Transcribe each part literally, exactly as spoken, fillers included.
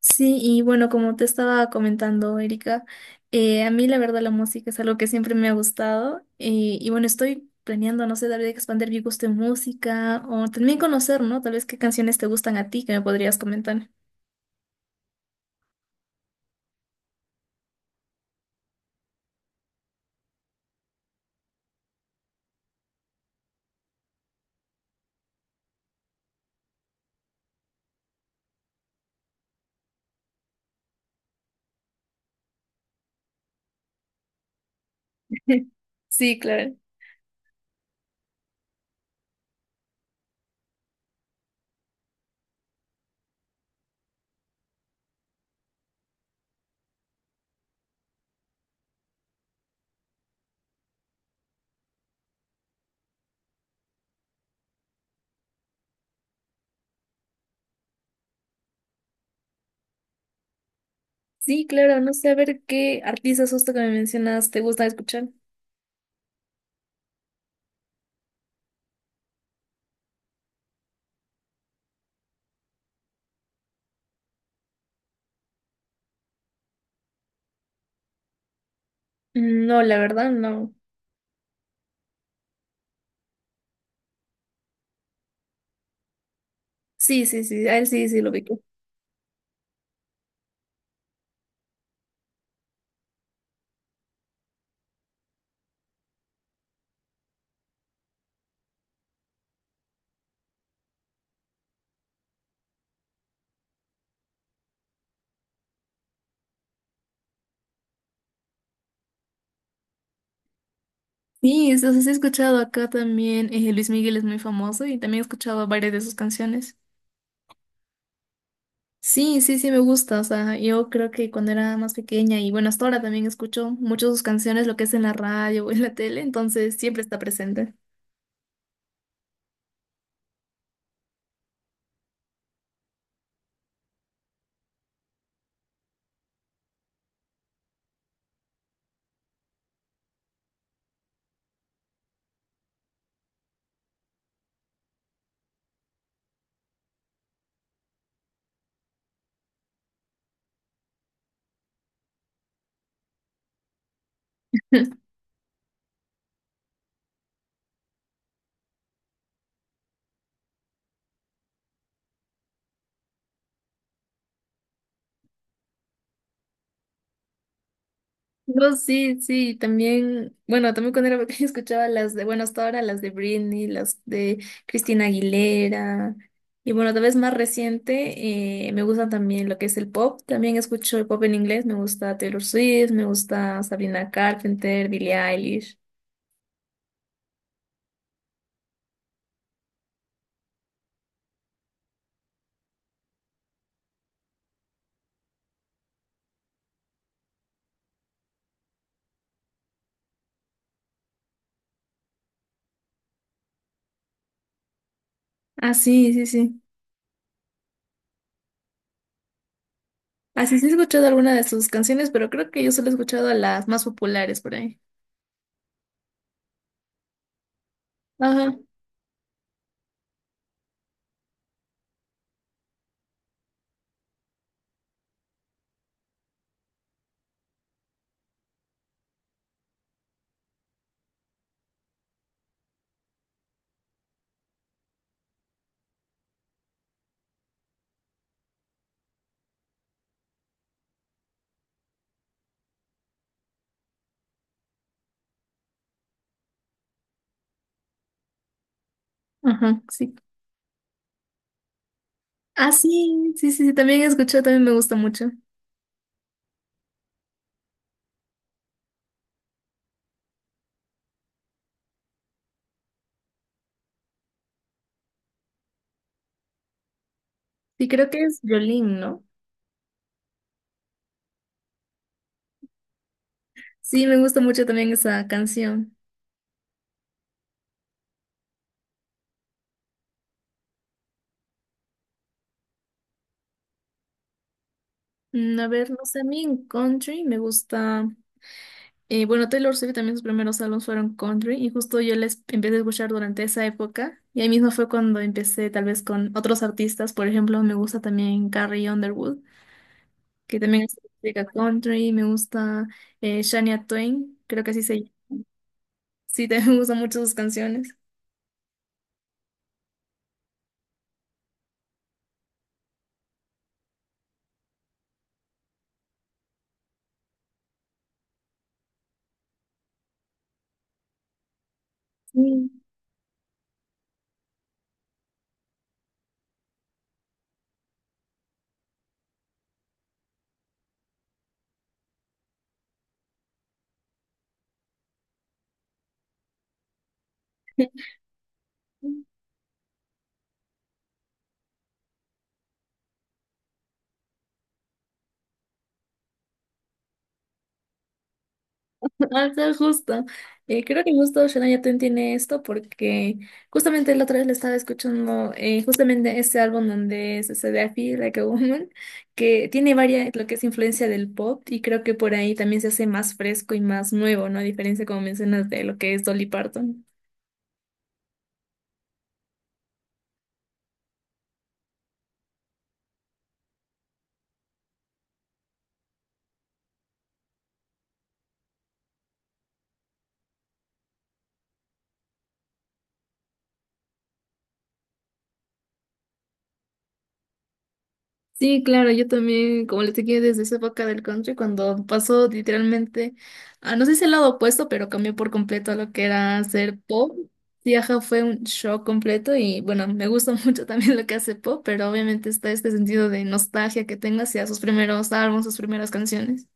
Sí, y bueno, como te estaba comentando, Erika, eh, a mí la verdad la música es algo que siempre me ha gustado eh, y bueno, estoy planeando, no sé, tal vez expandir mi gusto en música o también conocer, ¿no? Tal vez qué canciones te gustan a ti que me podrías comentar. Sí, claro. Sí, claro, no sé, a ver qué artistas justo que me mencionas te gusta escuchar. Mm, no, la verdad, no. Sí, sí, sí, a él sí, sí lo ubico. Sí, entonces he escuchado acá también, eh, Luis Miguel es muy famoso y también he escuchado varias de sus canciones. Sí, sí, sí, me gusta. O sea, yo creo que cuando era más pequeña y bueno, hasta ahora también escucho muchas de sus canciones, lo que es en la radio o en la tele, entonces siempre está presente. No, sí, sí, también, bueno, también cuando era pequeña escuchaba las de, bueno, hasta ahora las de Britney, las de Cristina Aguilera, y bueno, tal vez más reciente, eh, me gusta también lo que es el pop, también escucho el pop en inglés, me gusta Taylor Swift, me gusta Sabrina Carpenter, Billie Eilish. Ah, sí, sí, sí. Así sí he escuchado alguna de sus canciones, pero creo que yo solo he escuchado las más populares por ahí. Ajá, ajá, sí. Ah, sí, sí, sí, sí, también he escuchado, también me gusta mucho. Sí, creo que es Jolene, ¿no? Sí, me gusta mucho también esa canción. Mm, a ver, no sé, a mí en country me gusta... eh, bueno, Taylor Swift también sus primeros álbumes fueron country y justo yo les empecé a escuchar durante esa época y ahí mismo fue cuando empecé tal vez con otros artistas, por ejemplo, me gusta también Carrie Underwood, que también hace música country, me gusta eh, Shania Twain, creo que así se llama. Sí, también me gustan mucho sus canciones. Sí. Ah, está justo. Eh, creo que justo Shania Twain tiene esto porque justamente la otra vez le estaba escuchando eh, justamente ese álbum donde es ese de I Feel Like a Woman, que tiene varias, lo que es influencia del pop y creo que por ahí también se hace más fresco y más nuevo, ¿no? A diferencia, como mencionas, de lo que es Dolly Parton. Sí, claro, yo también, como les dije, desde esa época del country, cuando pasó literalmente, a, no sé si el lado opuesto, pero cambió por completo a lo que era hacer pop. Sí, ajá, fue un shock completo y bueno, me gusta mucho también lo que hace pop, pero obviamente está este sentido de nostalgia que tengo hacia sus primeros álbumes, sus primeras canciones.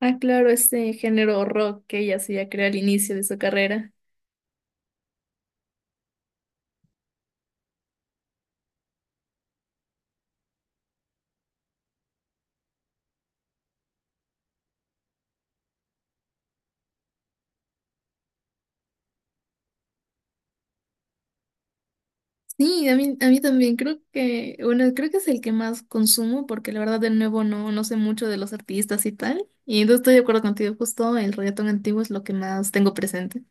Ah, claro, ese género rock que ella hacía, creo, al inicio de su carrera. Sí, a mí, a mí también creo que, bueno, creo que es el que más consumo porque la verdad de nuevo no, no sé mucho de los artistas y tal. Y entonces estoy de acuerdo contigo, justo el reggaetón antiguo es lo que más tengo presente.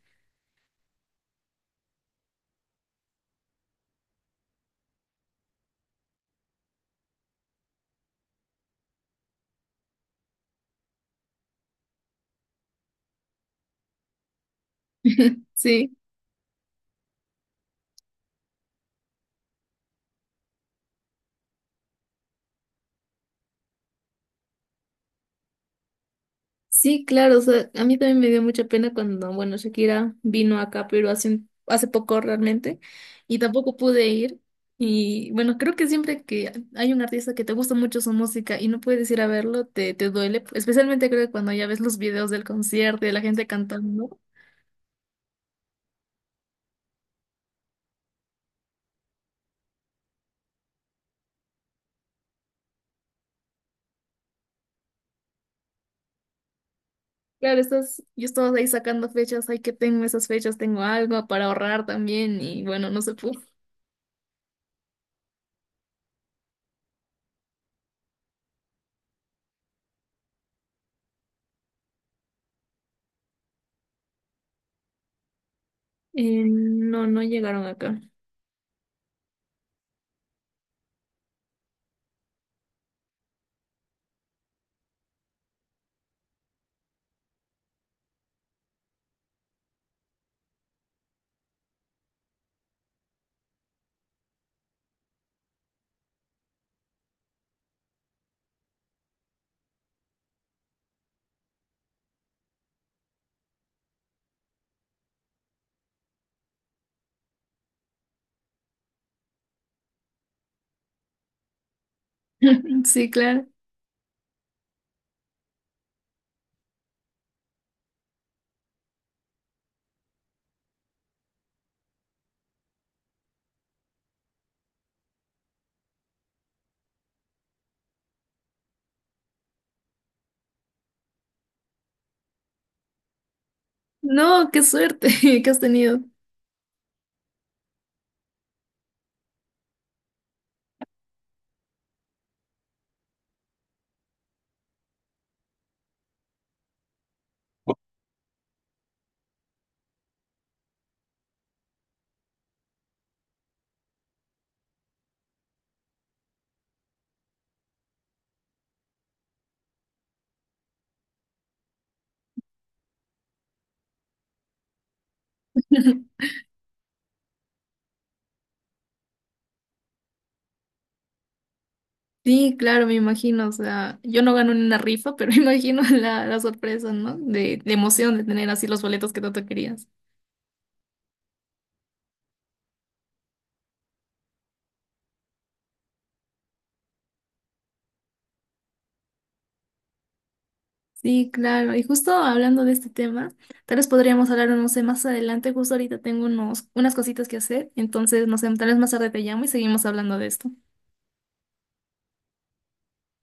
Sí, sí, claro, o sea, a mí también me dio mucha pena cuando, bueno, Shakira vino acá, pero hace, un- hace poco realmente y tampoco pude ir. Y bueno, creo que siempre que hay un artista que te gusta mucho su música y no puedes ir a verlo, te, te duele, especialmente creo que cuando ya ves los videos del concierto y de la gente cantando. Claro, estás, yo estaba ahí sacando fechas, ay, que tengo esas fechas, tengo algo para ahorrar también, y bueno, no se pudo. Eh, no, no llegaron acá. Sí, claro. No, qué suerte que has tenido. Sí, claro, me imagino, o sea, yo no gano en una rifa, pero imagino la, la sorpresa, ¿no? De, de emoción de tener así los boletos que tanto querías. Sí, claro, y justo hablando de este tema, tal vez podríamos hablar, no sé, más adelante, justo ahorita tengo unos, unas cositas que hacer, entonces, no sé, tal vez más tarde te llamo y seguimos hablando de esto.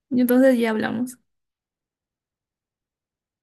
Y entonces ya hablamos.